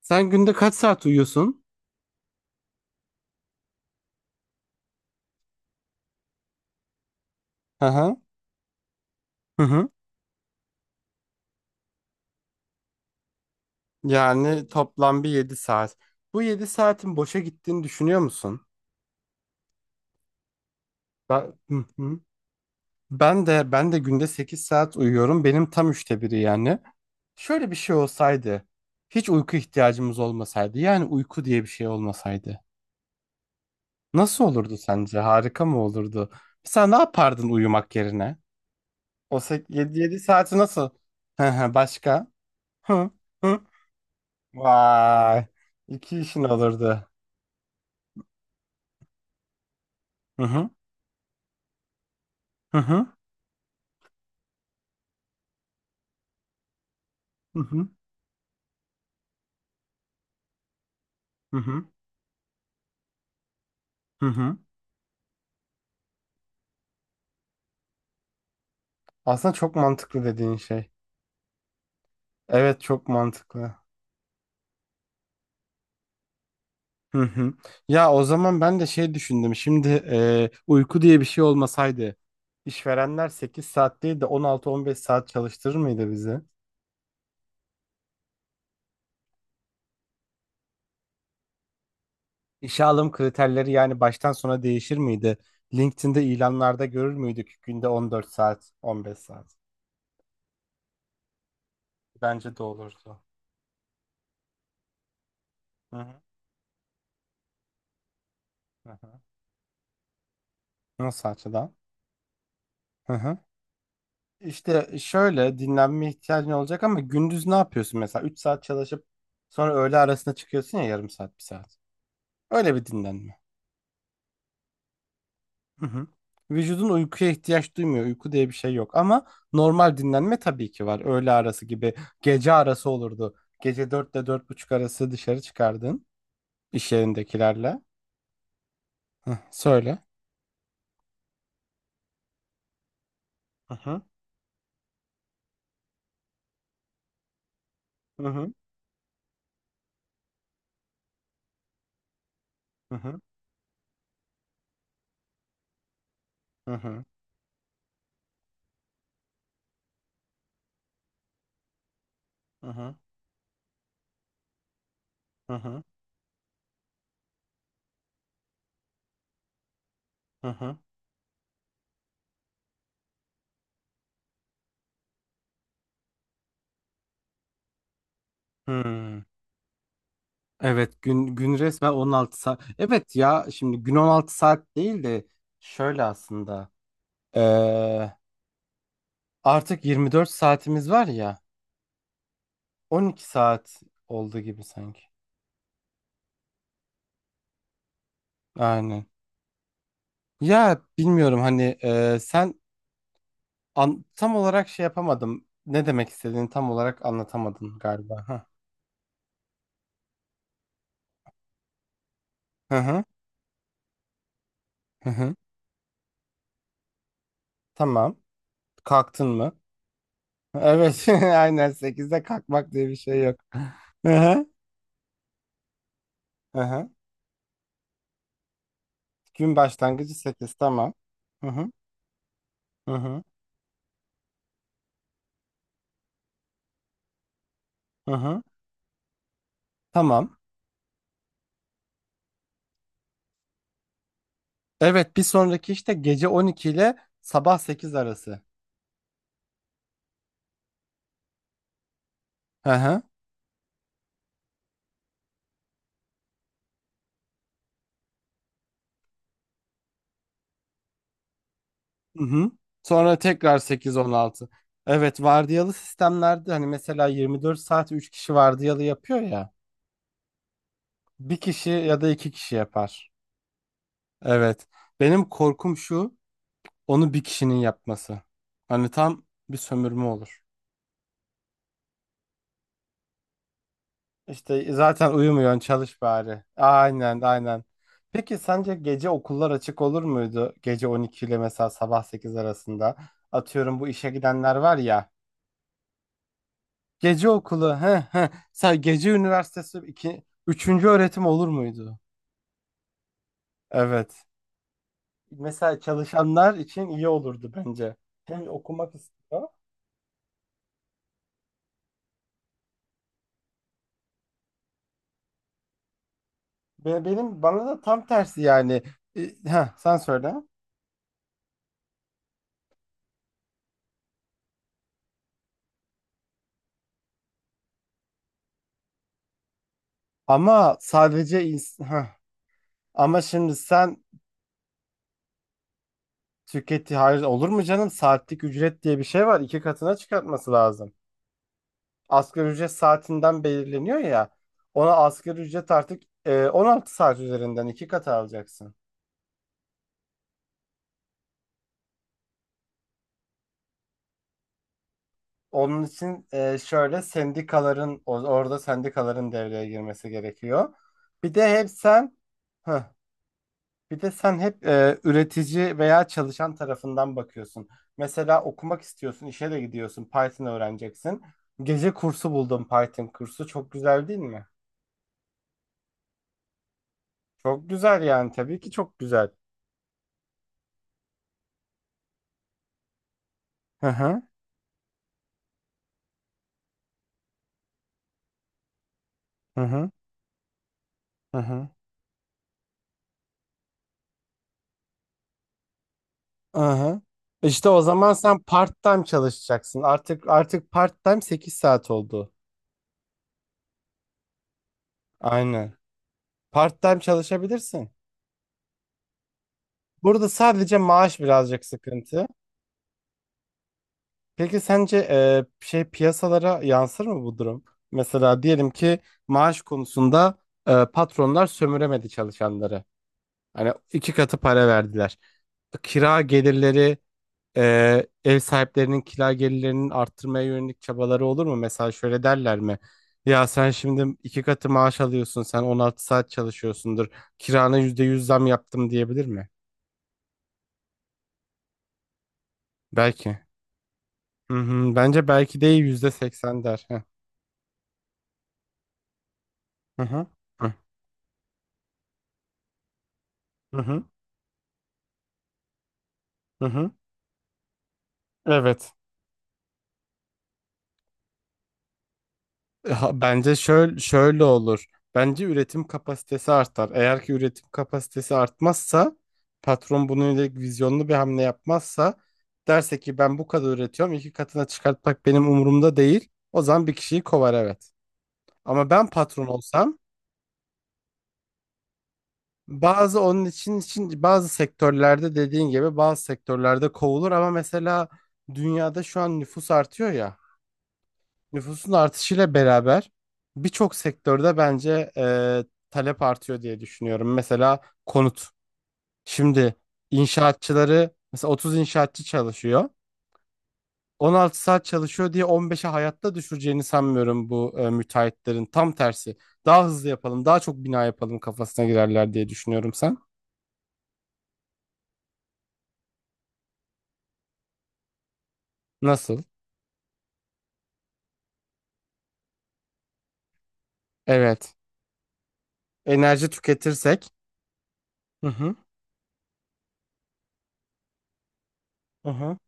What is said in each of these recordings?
Sen günde kaç saat uyuyorsun? Hı hı. Hı hı. Yani toplam bir 7 saat. Bu 7 saatin boşa gittiğini düşünüyor musun? Hı hı. Ben de günde 8 saat uyuyorum. Benim tam üçte biri yani. Şöyle bir şey olsaydı, hiç uyku ihtiyacımız olmasaydı, yani uyku diye bir şey olmasaydı, nasıl olurdu sence? Harika mı olurdu? Mesela ne yapardın uyumak yerine? O 7 saati nasıl? Hı hı, başka? Hı hı. Vay. İki işin olurdu. Hı hı. Hı hı. Hı hı. Hı hı. Hı hı. Aslında çok mantıklı dediğin şey. Evet, çok mantıklı. Hı hı. Ya o zaman ben de şey düşündüm. Şimdi uyku diye bir şey olmasaydı, işverenler 8 saat değil de on altı, on beş saat çalıştırır mıydı bizi? İşe alım kriterleri yani baştan sona değişir miydi? LinkedIn'de ilanlarda görür müydük günde 14 saat, 15 saat? Bence de olurdu. Hı hı. Hı hı. Nasıl açıdan? Hı hı. İşte şöyle dinlenme ihtiyacın olacak ama gündüz ne yapıyorsun mesela? 3 saat çalışıp sonra öğle arasında çıkıyorsun ya, yarım saat, bir saat. Öyle bir dinlenme. Hı hı. Vücudun uykuya ihtiyaç duymuyor. Uyku diye bir şey yok ama normal dinlenme tabii ki var. Öğle arası gibi gece arası olurdu. Gece 4 ile dört buçuk arası dışarı çıkardın iş yerindekilerle. Hı, söyle. Hı hı. Hı hı. Hı hı. Hı hı. Hı hı. Hı hı. Hı hı. Hı. Evet, gün resmen 16 saat. Evet ya, şimdi gün 16 saat değil de şöyle aslında. Ee, artık 24 saatimiz var ya, 12 saat oldu gibi sanki. Aynen. Ya bilmiyorum hani tam olarak şey yapamadım. Ne demek istediğini tam olarak anlatamadın galiba. Hah. Hı hı. Hı hı. Tamam. Kalktın mı? Evet. Aynen, 8'de kalkmak diye bir şey yok. Hı hı. Hı hı. Gün başlangıcı sekiz, tamam. Hı hı, hı hı, hı hı. Tamam. Evet, bir sonraki işte gece 12 ile sabah 8 arası. Hı hı. Hı hı. Sonra tekrar sekiz, 16. Evet, vardiyalı sistemlerde hani mesela 24 saat 3 kişi vardiyalı yapıyor ya. Bir kişi ya da iki kişi yapar. Evet. Benim korkum şu, onu bir kişinin yapması. Hani tam bir sömürme olur. İşte zaten uyumuyorsun, çalış bari. Aynen. Peki sence gece okullar açık olur muydu? Gece 12 ile mesela sabah 8 arasında. Atıyorum bu işe gidenler var ya. Gece okulu, he he. Sen gece üniversitesi, iki, üçüncü öğretim olur muydu? Evet. Mesela çalışanlar için iyi olurdu bence. Hem okumak istiyor. Ve benim bana da tam tersi yani. Sen söyle. Ama sadece ins- heh. Ama şimdi sen, hayır olur mu canım? Saatlik ücret diye bir şey var. İki katına çıkartması lazım. Asgari ücret saatinden belirleniyor ya. Ona asgari ücret artık 16 saat üzerinden iki kat alacaksın. Onun için şöyle sendikaların, orada sendikaların devreye girmesi gerekiyor. Bir de hep sen heh, bir de sen hep üretici veya çalışan tarafından bakıyorsun. Mesela okumak istiyorsun, işe de gidiyorsun, Python öğreneceksin. Gece kursu buldum, Python kursu. Çok güzel değil mi? Çok güzel, yani tabii ki çok güzel. Hı hı, hı hı, hı hı. Hı hı. İşte o zaman sen part-time çalışacaksın. Artık part-time 8 saat oldu. Aynen. Part-time çalışabilirsin. Burada sadece maaş birazcık sıkıntı. Peki sence şey, piyasalara yansır mı bu durum? Mesela diyelim ki maaş konusunda patronlar sömüremedi çalışanları. Hani iki katı para verdiler. Kira gelirleri, ev sahiplerinin kira gelirlerinin arttırmaya yönelik çabaları olur mu? Mesela şöyle derler mi? Ya sen şimdi iki katı maaş alıyorsun, sen 16 saat çalışıyorsundur. Kirana %100 zam yaptım diyebilir mi? Belki. Hı hı. Bence belki değil, %80 der. Heh. Hı hı. Hı hı. Hı hı. Hı hı. Evet. Ha, bence şöyle olur. Bence üretim kapasitesi artar. Eğer ki üretim kapasitesi artmazsa, patron bununla ilgili vizyonlu bir hamle yapmazsa, derse ki ben bu kadar üretiyorum, iki katına çıkartmak benim umurumda değil. O zaman bir kişiyi kovar, evet. Ama ben patron olsam bazı, onun için bazı sektörlerde dediğin gibi, bazı sektörlerde kovulur ama mesela dünyada şu an nüfus artıyor ya. Nüfusun artışıyla beraber birçok sektörde bence talep artıyor diye düşünüyorum. Mesela konut. Şimdi inşaatçıları mesela 30 inşaatçı çalışıyor. 16 saat çalışıyor diye 15'e hayatta düşüreceğini sanmıyorum bu müteahhitlerin. Tam tersi. Daha hızlı yapalım, daha çok bina yapalım kafasına girerler diye düşünüyorum sen. Nasıl? Evet. Enerji tüketirsek. Hı hı. Hı hı.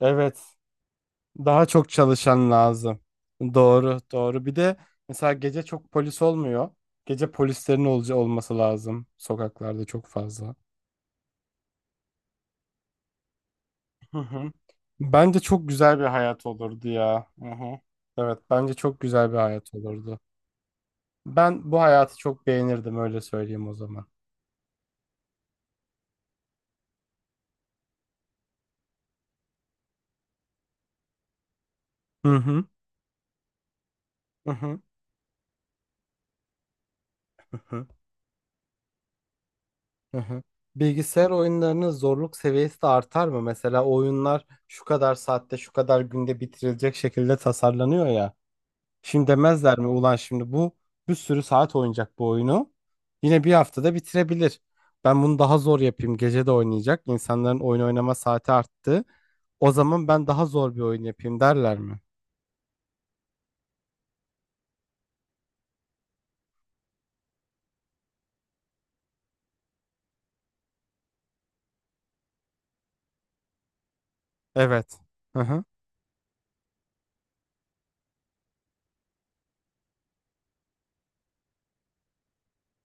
Evet. Daha çok çalışan lazım. Doğru, doğru. Bir de mesela gece çok polis olmuyor. Gece polislerin olca olması lazım sokaklarda çok fazla. Hı hı. Bence çok güzel bir hayat olurdu ya. Hı hı. Evet, bence çok güzel bir hayat olurdu. Ben bu hayatı çok beğenirdim, öyle söyleyeyim o zaman. Hı hı. Hı hı. Hı hı. Hı. Bilgisayar oyunlarının zorluk seviyesi de artar mı? Mesela oyunlar şu kadar saatte, şu kadar günde bitirilecek şekilde tasarlanıyor ya. Şimdi demezler mi ulan şimdi bu bir sürü saat oynayacak bu oyunu. Yine bir haftada bitirebilir. Ben bunu daha zor yapayım. Gece de oynayacak. İnsanların oyun oynama saati arttı. O zaman ben daha zor bir oyun yapayım derler mi? Evet. Hı hı.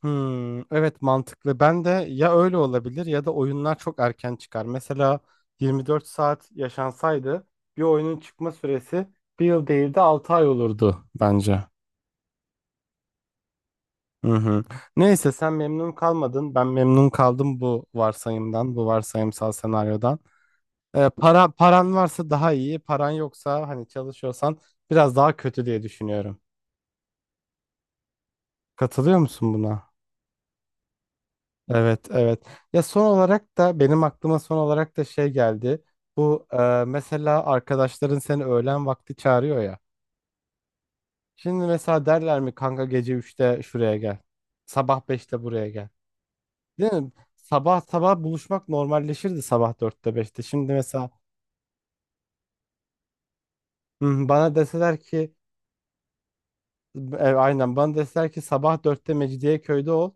Hmm, evet mantıklı. Ben de, ya öyle olabilir ya da oyunlar çok erken çıkar. Mesela 24 saat yaşansaydı bir oyunun çıkma süresi bir yıl değil de 6 ay olurdu bence. Hı hı. Neyse, sen memnun kalmadın. Ben memnun kaldım bu varsayımdan, bu varsayımsal senaryodan. Paran varsa daha iyi, paran yoksa hani çalışıyorsan biraz daha kötü diye düşünüyorum. Katılıyor musun buna? Evet, evet. Ya son olarak da benim aklıma son olarak da şey geldi. Bu mesela arkadaşların seni öğlen vakti çağırıyor ya. Şimdi mesela derler mi kanka, gece üçte şuraya gel. Sabah beşte buraya gel. Değil mi? Sabah sabah buluşmak normalleşirdi, sabah dörtte, beşte. Şimdi mesela hı, bana deseler ki bana deseler ki sabah 4'te Mecidiyeköy'de ol.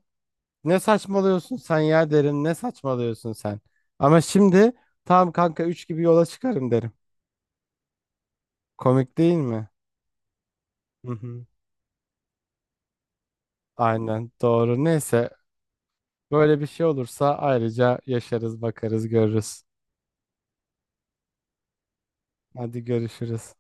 Ne saçmalıyorsun sen ya derim. Ne saçmalıyorsun sen? Ama şimdi, tamam kanka 3 gibi yola çıkarım derim. Komik değil mi? Hı hı. Aynen doğru. Neyse, böyle bir şey olursa ayrıca yaşarız, bakarız, görürüz. Hadi görüşürüz.